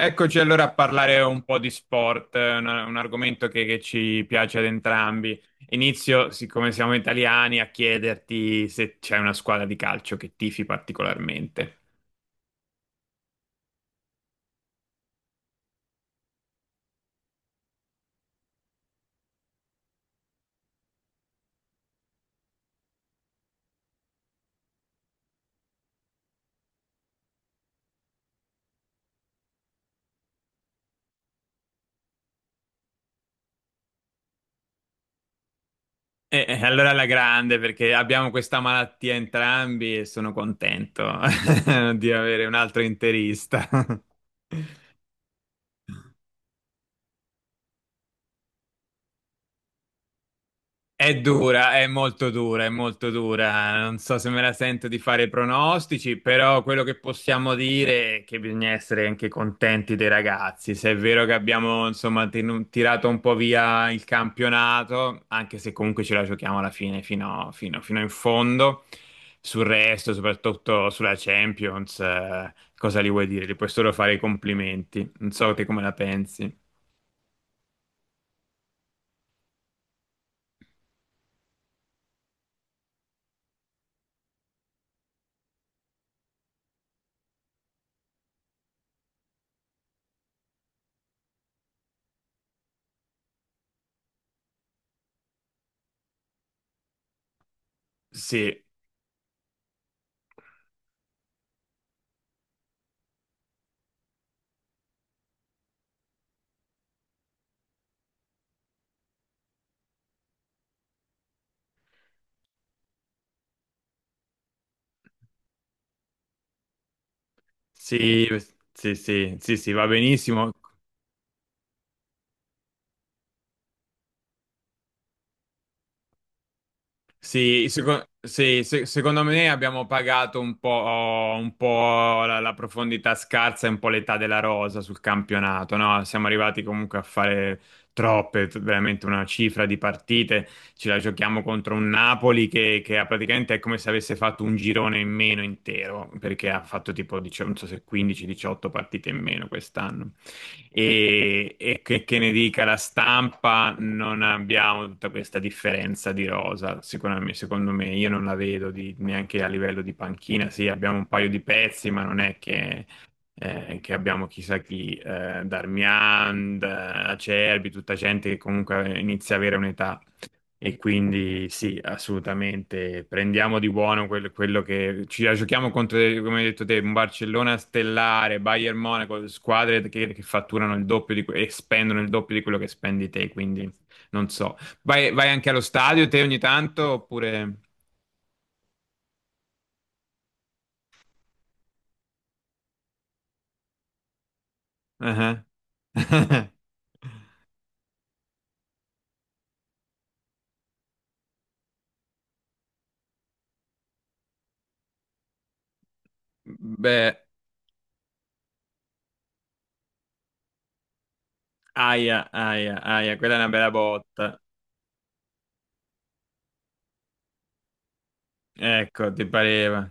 Eccoci allora a parlare un po' di sport, un argomento che ci piace ad entrambi. Inizio, siccome siamo italiani, a chiederti se c'è una squadra di calcio che tifi particolarmente. E allora alla grande, perché abbiamo questa malattia entrambi e sono contento di avere un altro interista. È dura, è molto dura, è molto dura. Non so se me la sento di fare pronostici, però quello che possiamo dire è che bisogna essere anche contenti dei ragazzi. Se è vero che abbiamo, insomma, tirato un po' via il campionato, anche se comunque ce la giochiamo alla fine, fino in fondo, sul resto, soprattutto sulla Champions, cosa li vuoi dire? Li puoi solo fare i complimenti. Non so te come la pensi. Sì, sì, sì, sì, sì, sì, va benissimo. Sì, secondo me abbiamo pagato un po' la, profondità scarsa e un po' l'età della rosa sul campionato, no? Siamo arrivati comunque a fare troppe, veramente una cifra di partite ce la giochiamo contro un Napoli che ha praticamente è come se avesse fatto un girone in meno intero, perché ha fatto tipo, non so se 15-18 partite in meno quest'anno. E, e che ne dica la stampa, non abbiamo tutta questa differenza di rosa, sicuramente, secondo me, io non la vedo neanche a livello di panchina, sì, abbiamo un paio di pezzi, ma non è che abbiamo chissà chi, Darmian, Acerbi, tutta gente che comunque inizia a avere un'età. E quindi sì, assolutamente. Prendiamo di buono quello che ci la giochiamo contro, come hai detto te, un Barcellona stellare, Bayern Monaco, squadre che fatturano il doppio di, e spendono il doppio di quello che spendi te. Quindi non so. Vai anche allo stadio te ogni tanto oppure. Ah, ah. Beh, aia, aia, aia, quella è una bella botta. Ecco, ti pareva.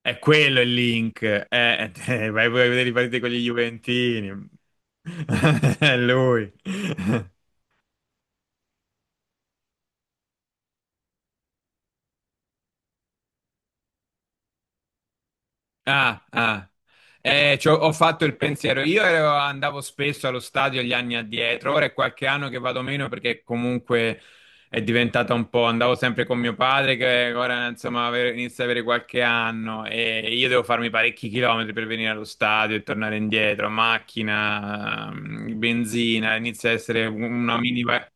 È quello il link. Vai pure a vedere i partiti con gli Juventini. È lui. Ah, ah. Ho fatto il pensiero. Andavo spesso allo stadio gli anni addietro, ora è qualche anno che vado meno perché comunque è diventata un po', andavo sempre con mio padre che ora insomma inizia ad avere qualche anno e io devo farmi parecchi chilometri per venire allo stadio e tornare indietro, macchina, benzina, inizia a essere una mini.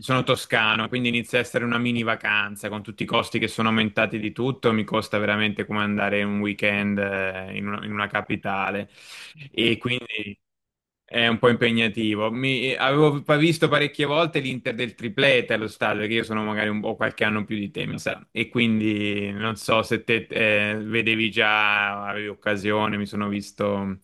Sono toscano, quindi inizia a essere una mini vacanza con tutti i costi che sono aumentati di tutto, mi costa veramente come andare un weekend in una capitale e quindi è un po' impegnativo. Avevo visto parecchie volte l'Inter del triplete allo stadio, perché io sono magari un po' qualche anno più di te, mi sa. E quindi non so se te vedevi già, avevi occasione, mi sono visto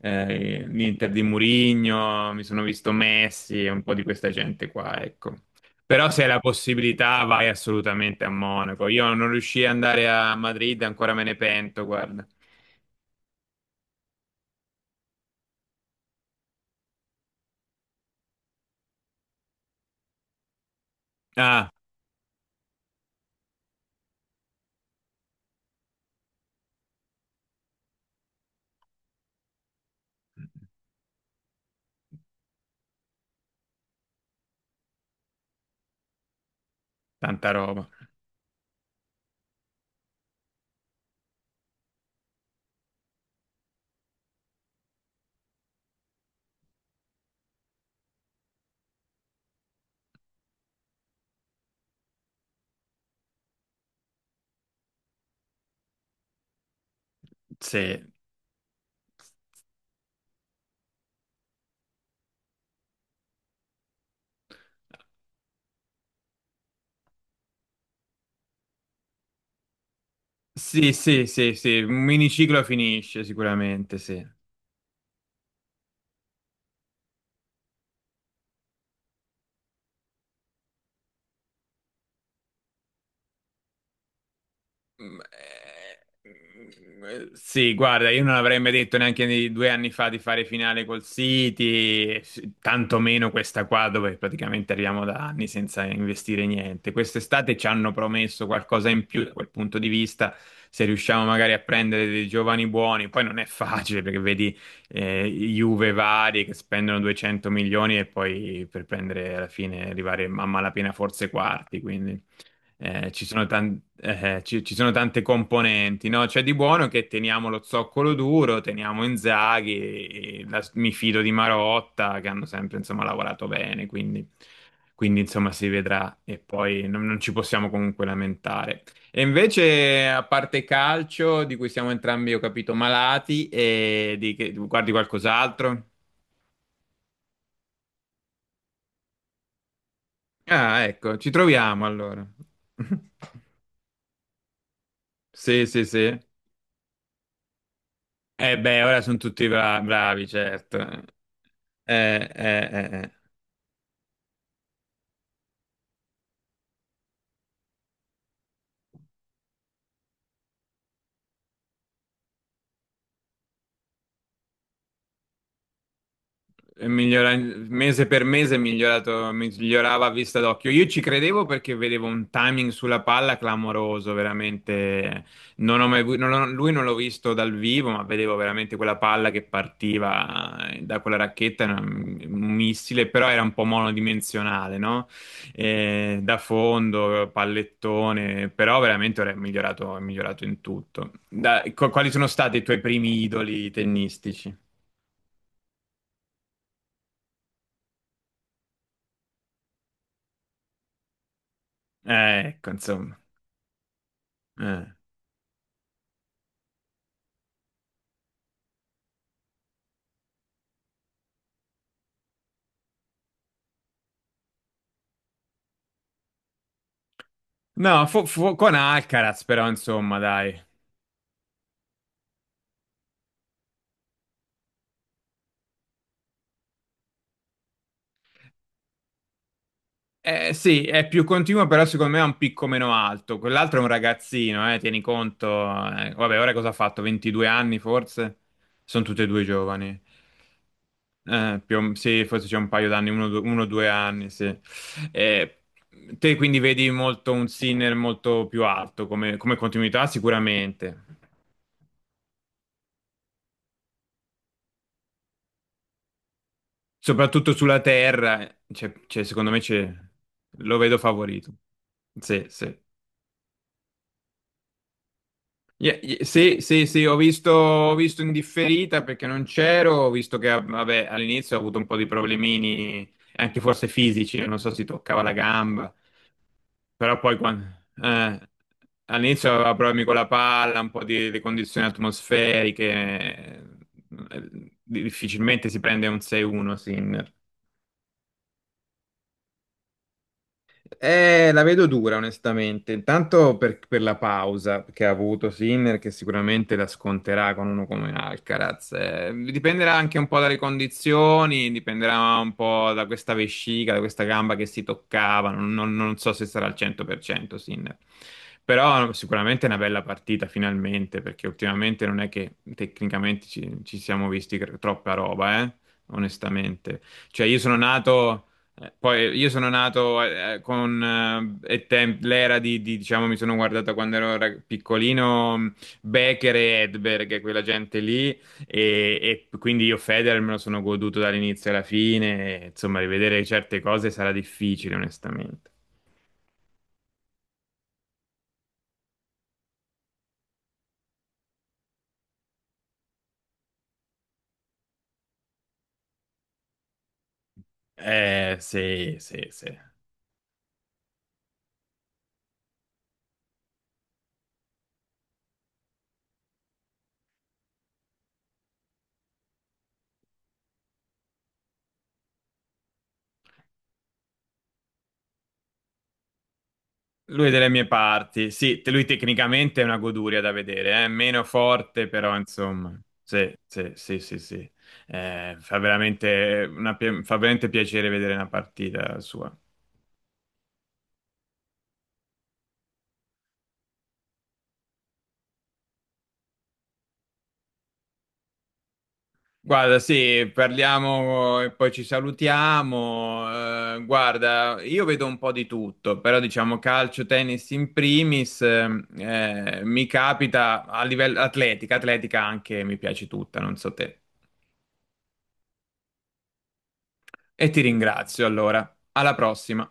l'Inter di Mourinho, mi sono visto Messi e un po' di questa gente qua, ecco. Però se hai la possibilità vai assolutamente a Monaco. Io non riuscii ad andare a Madrid, ancora me ne pento, guarda. Ah, tanta roba. Sì. Sì, sì, sì, sì, un miniciclo finisce sicuramente, sì. Mm, eh, Sì, guarda, io non avrei mai detto neanche 2 anni fa di fare finale col City, e tantomeno questa qua dove praticamente arriviamo da anni senza investire niente. Quest'estate ci hanno promesso qualcosa in più da quel punto di vista, se riusciamo magari a prendere dei giovani buoni, poi non è facile perché vedi Juve vari che spendono 200 milioni e poi per prendere alla fine arrivare a malapena forse quarti. Ci sono tante componenti, no? C'è di buono che teniamo lo zoccolo duro, teniamo Inzaghi, e mi fido di Marotta, che hanno sempre, insomma, lavorato bene, quindi, insomma, si vedrà e poi non ci possiamo comunque lamentare. E invece, a parte calcio, di cui siamo entrambi, ho capito, malati, e guardi qualcos'altro? Ah, ecco, ci troviamo allora. Sì, sì, sì. Eh beh, ora sono tutti bravi, certo. Eh, eh, eh. Mese per mese è migliorato, migliorava a vista d'occhio. Io ci credevo perché vedevo un timing sulla palla clamoroso, veramente. Non ho mai vu- non ho- lui non l'ho visto dal vivo, ma vedevo veramente quella palla che partiva da quella racchetta, era un missile, però era un po' monodimensionale, no? Da fondo, pallettone, però veramente ora è migliorato in tutto. Quali sono stati i tuoi primi idoli tennistici? Ecco, insomma. Eh. No, con Alcaraz però, insomma, dai. Sì, è più continuo, però secondo me ha un picco meno alto. Quell'altro è un ragazzino, tieni conto. Vabbè, ora cosa ha fatto? 22 anni forse? Sono tutti e due giovani. Sì, forse c'è un paio d'anni, 1 o 2 anni, sì. Eh, te quindi vedi molto un Sinner molto più alto come, continuità, sicuramente. Soprattutto sulla terra, secondo me lo vedo favorito. Sì, sì. Yeah, yeah, sì, sì, sì, ho visto in differita perché non c'ero, ho visto che ah, vabbè, all'inizio ho avuto un po' di problemini, anche forse fisici, non so si toccava la gamba, però poi quando, eh, all'inizio aveva problemi con la palla, un po' di condizioni atmosferiche, difficilmente si prende un 6-1, sì, La vedo dura, onestamente. Intanto per, la pausa che ha avuto Sinner, che sicuramente la sconterà con uno come Alcaraz. Dipenderà anche un po' dalle condizioni, dipenderà un po' da questa vescica, da questa gamba che si toccava. Non so se sarà al 100% Sinner. Però sicuramente è una bella partita, finalmente, perché ultimamente non è che tecnicamente ci siamo visti troppa roba, onestamente. Cioè, io sono nato. Poi io sono nato con l'era diciamo, mi sono guardato quando ero piccolino, Becker e Edberg, quella gente lì, e, quindi io Federer me lo sono goduto dall'inizio alla fine, e, insomma, rivedere certe cose sarà difficile, onestamente. Sì, sì, sì. Lui è delle mie parti, sì, lui tecnicamente è una goduria da vedere, è meno forte, però insomma, sì, sì, sì, sì, sì. Fa veramente piacere vedere una partita sua. Guarda, sì, parliamo e poi ci salutiamo. Guarda, io vedo un po' di tutto, però diciamo calcio, tennis in primis, mi capita a livello atletica, atletica anche mi piace tutta, non so te. E ti ringrazio allora. Alla prossima.